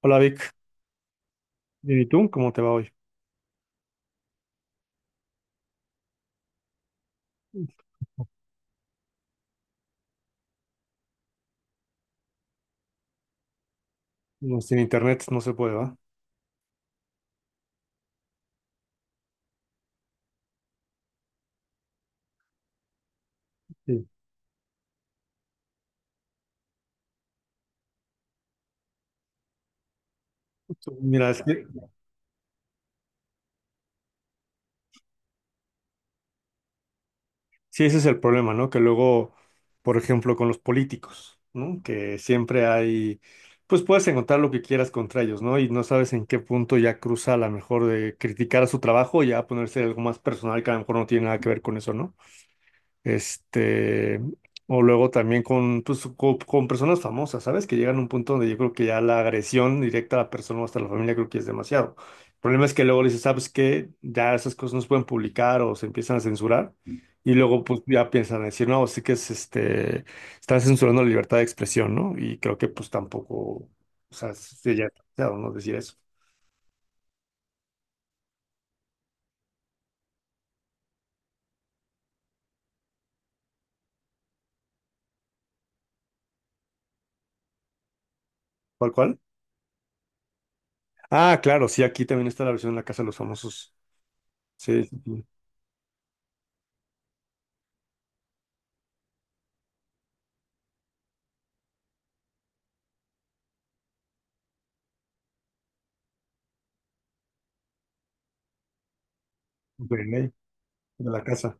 Hola Vic, ¿y tú? ¿Cómo te va hoy? No, sin internet no se puede, ¿va? Sí. Mira, es que sí, ese es el problema, ¿no? Que luego, por ejemplo, con los políticos, ¿no? Que siempre hay, pues puedes encontrar lo que quieras contra ellos, ¿no? Y no sabes en qué punto ya cruza a lo mejor de criticar a su trabajo y ya ponerse algo más personal que a lo mejor no tiene nada que ver con eso, ¿no? Este, o luego también con, pues, con, personas famosas, ¿sabes? Que llegan a un punto donde yo creo que ya la agresión directa a la persona o hasta la familia creo que es demasiado. El problema es que luego le dices, ¿sabes qué? Ya esas cosas no se pueden publicar o se empiezan a censurar. Y luego pues ya piensan decir, no, sí que es están censurando la libertad de expresión, ¿no? Y creo que pues tampoco, o sea, sí, ya es demasiado, ¿no? Decir eso. ¿Cuál, cuál? Ah, claro, sí, aquí también está la versión de la Casa de los Famosos. Sí, sí, sí. De ley, de la casa.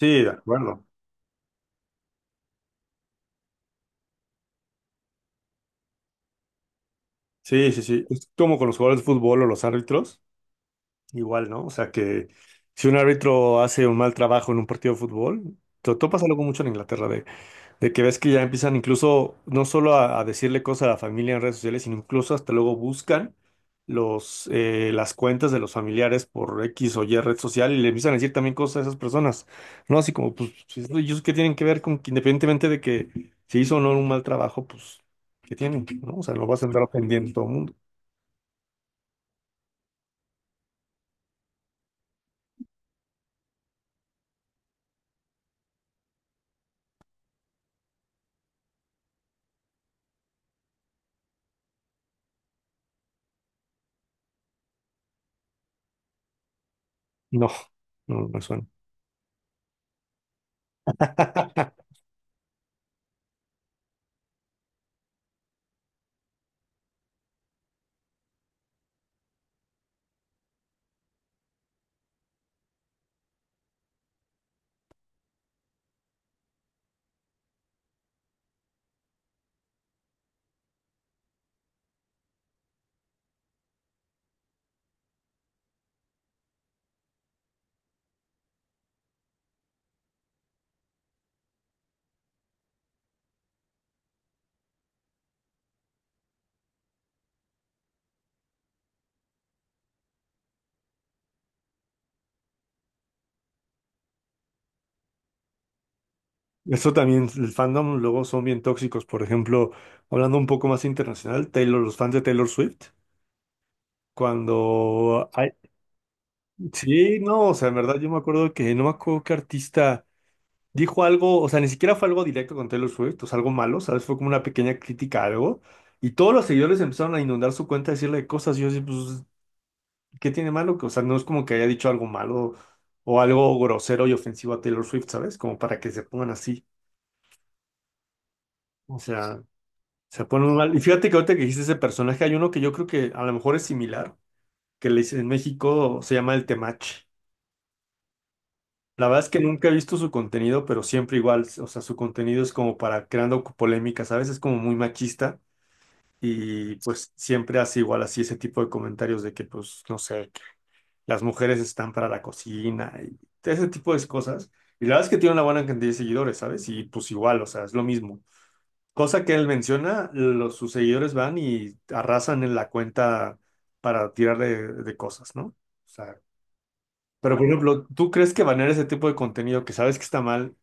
Sí, de acuerdo. Sí, sí, sí. Es como con los jugadores de fútbol o los árbitros, igual, ¿no? O sea que si un árbitro hace un mal trabajo en un partido de fútbol, todo pasa algo mucho en Inglaterra, de que ves que ya empiezan incluso no solo a decirle cosas a la familia en redes sociales, sino incluso hasta luego buscan los, las cuentas de los familiares por X o Y red social y le empiezan a decir también cosas a esas personas, ¿no? Así como, pues, si es- ellos qué tienen que ver con que independientemente de que se hizo o no un mal trabajo, pues, ¿qué tienen? ¿No? O sea, no vas a andar ofendiendo a todo el mundo. No, no me suena. Eso también, el fandom luego son bien tóxicos. Por ejemplo, hablando un poco más internacional, Taylor, los fans de Taylor Swift. Cuando hay... Sí, no, o sea, en verdad yo me acuerdo que no me acuerdo qué artista dijo algo, o sea, ni siquiera fue algo directo con Taylor Swift, o sea, algo malo, ¿sabes? Fue como una pequeña crítica a algo. Y todos los seguidores empezaron a inundar su cuenta, a decirle cosas. Y yo decía, pues, ¿qué tiene malo? Que, o sea, no es como que haya dicho algo malo o algo grosero y ofensivo a Taylor Swift, ¿sabes? Como para que se pongan así. O sea, se ponen muy mal. Y fíjate que ahorita que dijiste ese personaje, hay uno que yo creo que a lo mejor es similar, que le, en México se llama el Temach. La verdad es que nunca he visto su contenido, pero siempre igual, o sea, su contenido es como para creando polémicas, a veces como muy machista y pues siempre hace igual así ese tipo de comentarios de que pues, no sé, las mujeres están para la cocina y ese tipo de cosas. Y la verdad es que tiene una buena cantidad de seguidores, ¿sabes? Y pues igual, o sea, es lo mismo. Cosa que él menciona, los, sus seguidores van y arrasan en la cuenta para tirar de cosas, ¿no? O sea, pero por ejemplo, ¿tú crees que banear ese tipo de contenido que sabes que está mal?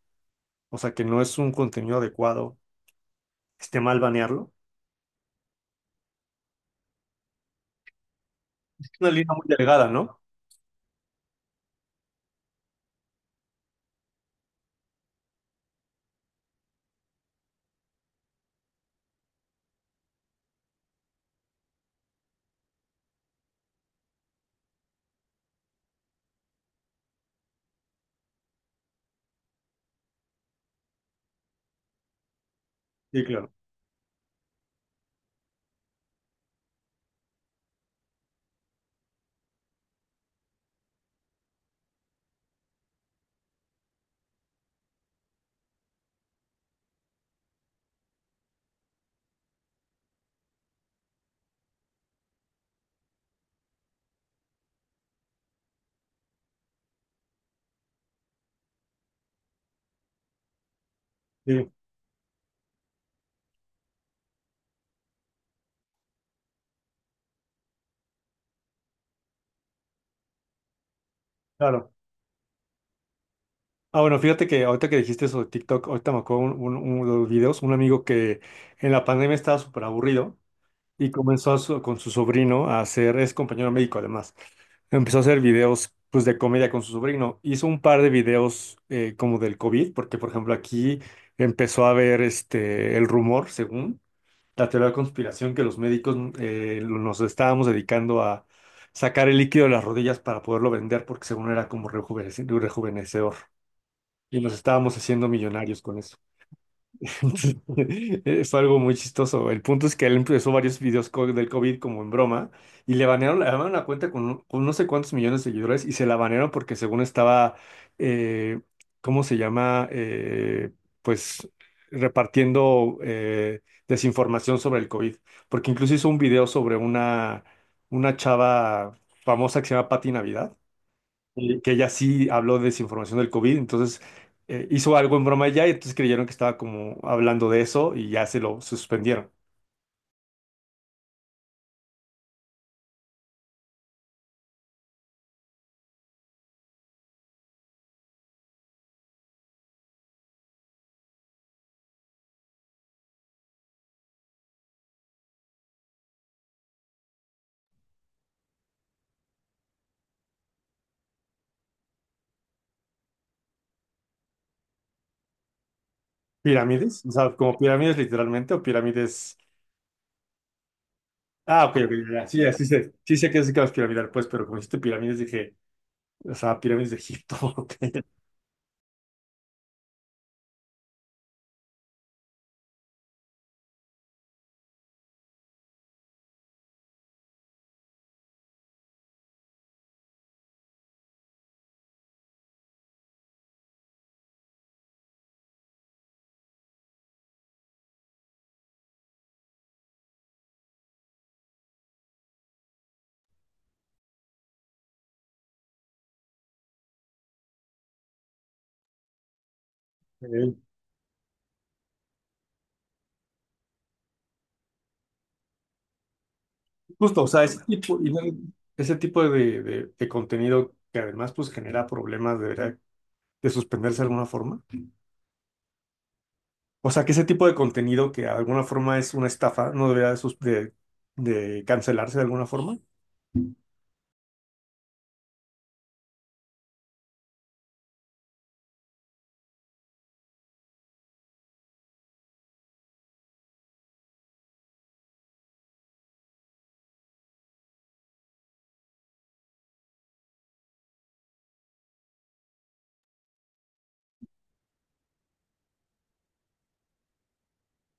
O sea, que no es un contenido adecuado. Esté mal banearlo. Es una línea muy delgada, ¿no? Sí, claro. Sí, claro. Ah, bueno, fíjate que ahorita que dijiste eso de TikTok, ahorita me acuerdo uno de los videos, un amigo que en la pandemia estaba súper aburrido y comenzó a con su sobrino a hacer, es compañero médico además, empezó a hacer videos pues de comedia con su sobrino. Hizo un par de videos como del COVID, porque por ejemplo aquí empezó a ver el rumor, según la teoría de la conspiración que los médicos nos estábamos dedicando a sacar el líquido de las rodillas para poderlo vender porque según era como rejuvenecedor y nos estábamos haciendo millonarios con eso. Fue algo muy chistoso. El punto es que él empezó varios videos del COVID como en broma y le banearon la cuenta con no sé cuántos millones de seguidores y se la banearon porque según estaba, eh, ¿cómo se llama? Pues repartiendo desinformación sobre el COVID. Porque incluso hizo un video sobre una chava famosa que se llama Patti Navidad que ella sí habló de desinformación del COVID, entonces hizo algo en broma ella y entonces creyeron que estaba como hablando de eso y ya se lo suspendieron. ¿Pirámides? O sea, ¿como pirámides literalmente o pirámides...? Ah, ok, ok, ya, sí, ya, sí sé que es caos piramidal, pues, pero como dijiste pirámides dije, o sea, pirámides de Egipto. Ok. Eh, justo, o sea, ese tipo, ese tipo de, de contenido que además pues genera problemas debería de suspenderse de alguna forma. O sea, que ese tipo de contenido que de alguna forma es una estafa, no debería de, de cancelarse de alguna forma.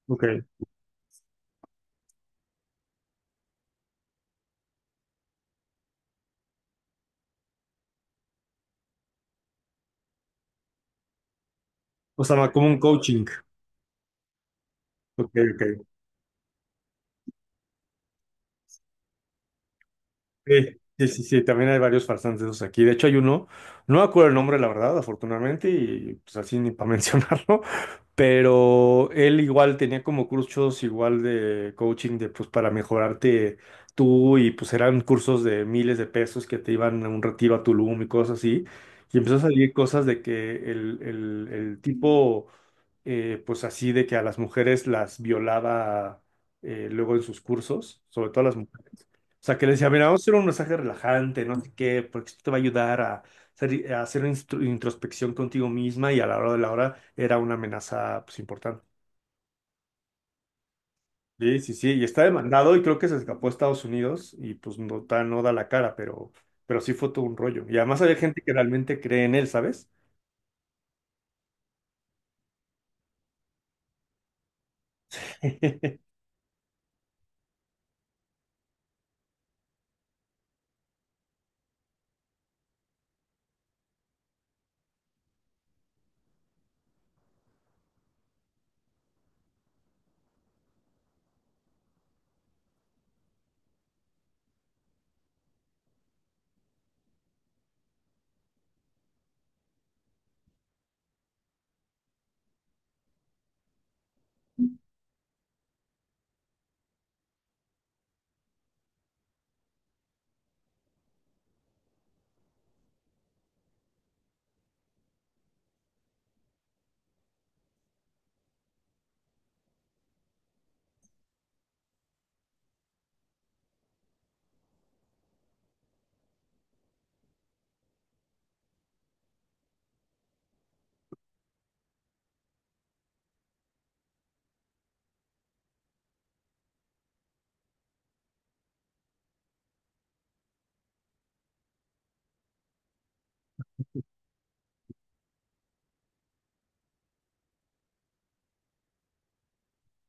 Ok. O sea, como un coaching. Ok, ok. Sí, sí, sí, sí, también hay varios farsantes de esos aquí. De hecho, hay uno, no me acuerdo el nombre, la verdad, afortunadamente, y pues así ni para mencionarlo, pero él igual tenía como cursos igual de coaching de pues para mejorarte tú y pues eran cursos de miles de pesos que te iban a un retiro a Tulum y cosas así. Y empezó a salir cosas de que el tipo pues así de que a las mujeres las violaba luego en sus cursos, sobre todo a las mujeres. O sea, que les decía, mira, vamos a hacer un mensaje relajante, no sé qué, porque esto te va a ayudar a hacer introspección contigo misma y a la hora de la hora era una amenaza pues importante. Sí, sí, sí, y está demandado y creo que se escapó a Estados Unidos y pues no, no da la cara, pero sí fue todo un rollo. Y además había gente que realmente cree en él, ¿sabes?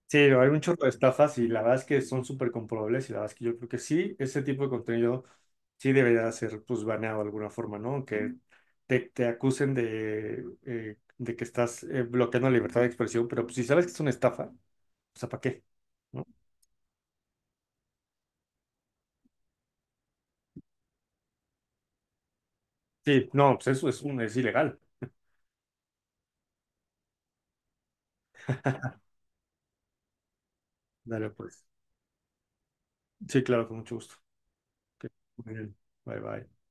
Sí, hay un chorro de estafas y la verdad es que son súper comprobables y la verdad es que yo creo que sí, ese tipo de contenido sí debería ser pues baneado de alguna forma, ¿no? Que te acusen de que estás bloqueando la libertad de expresión, pero pues si sabes que es una estafa, o sea, ¿para qué? ¿No? Sí, no, pues eso es, un, es ilegal. Dale, pues. Sí, claro, con mucho gusto. Ok, muy bien. Bye, bye.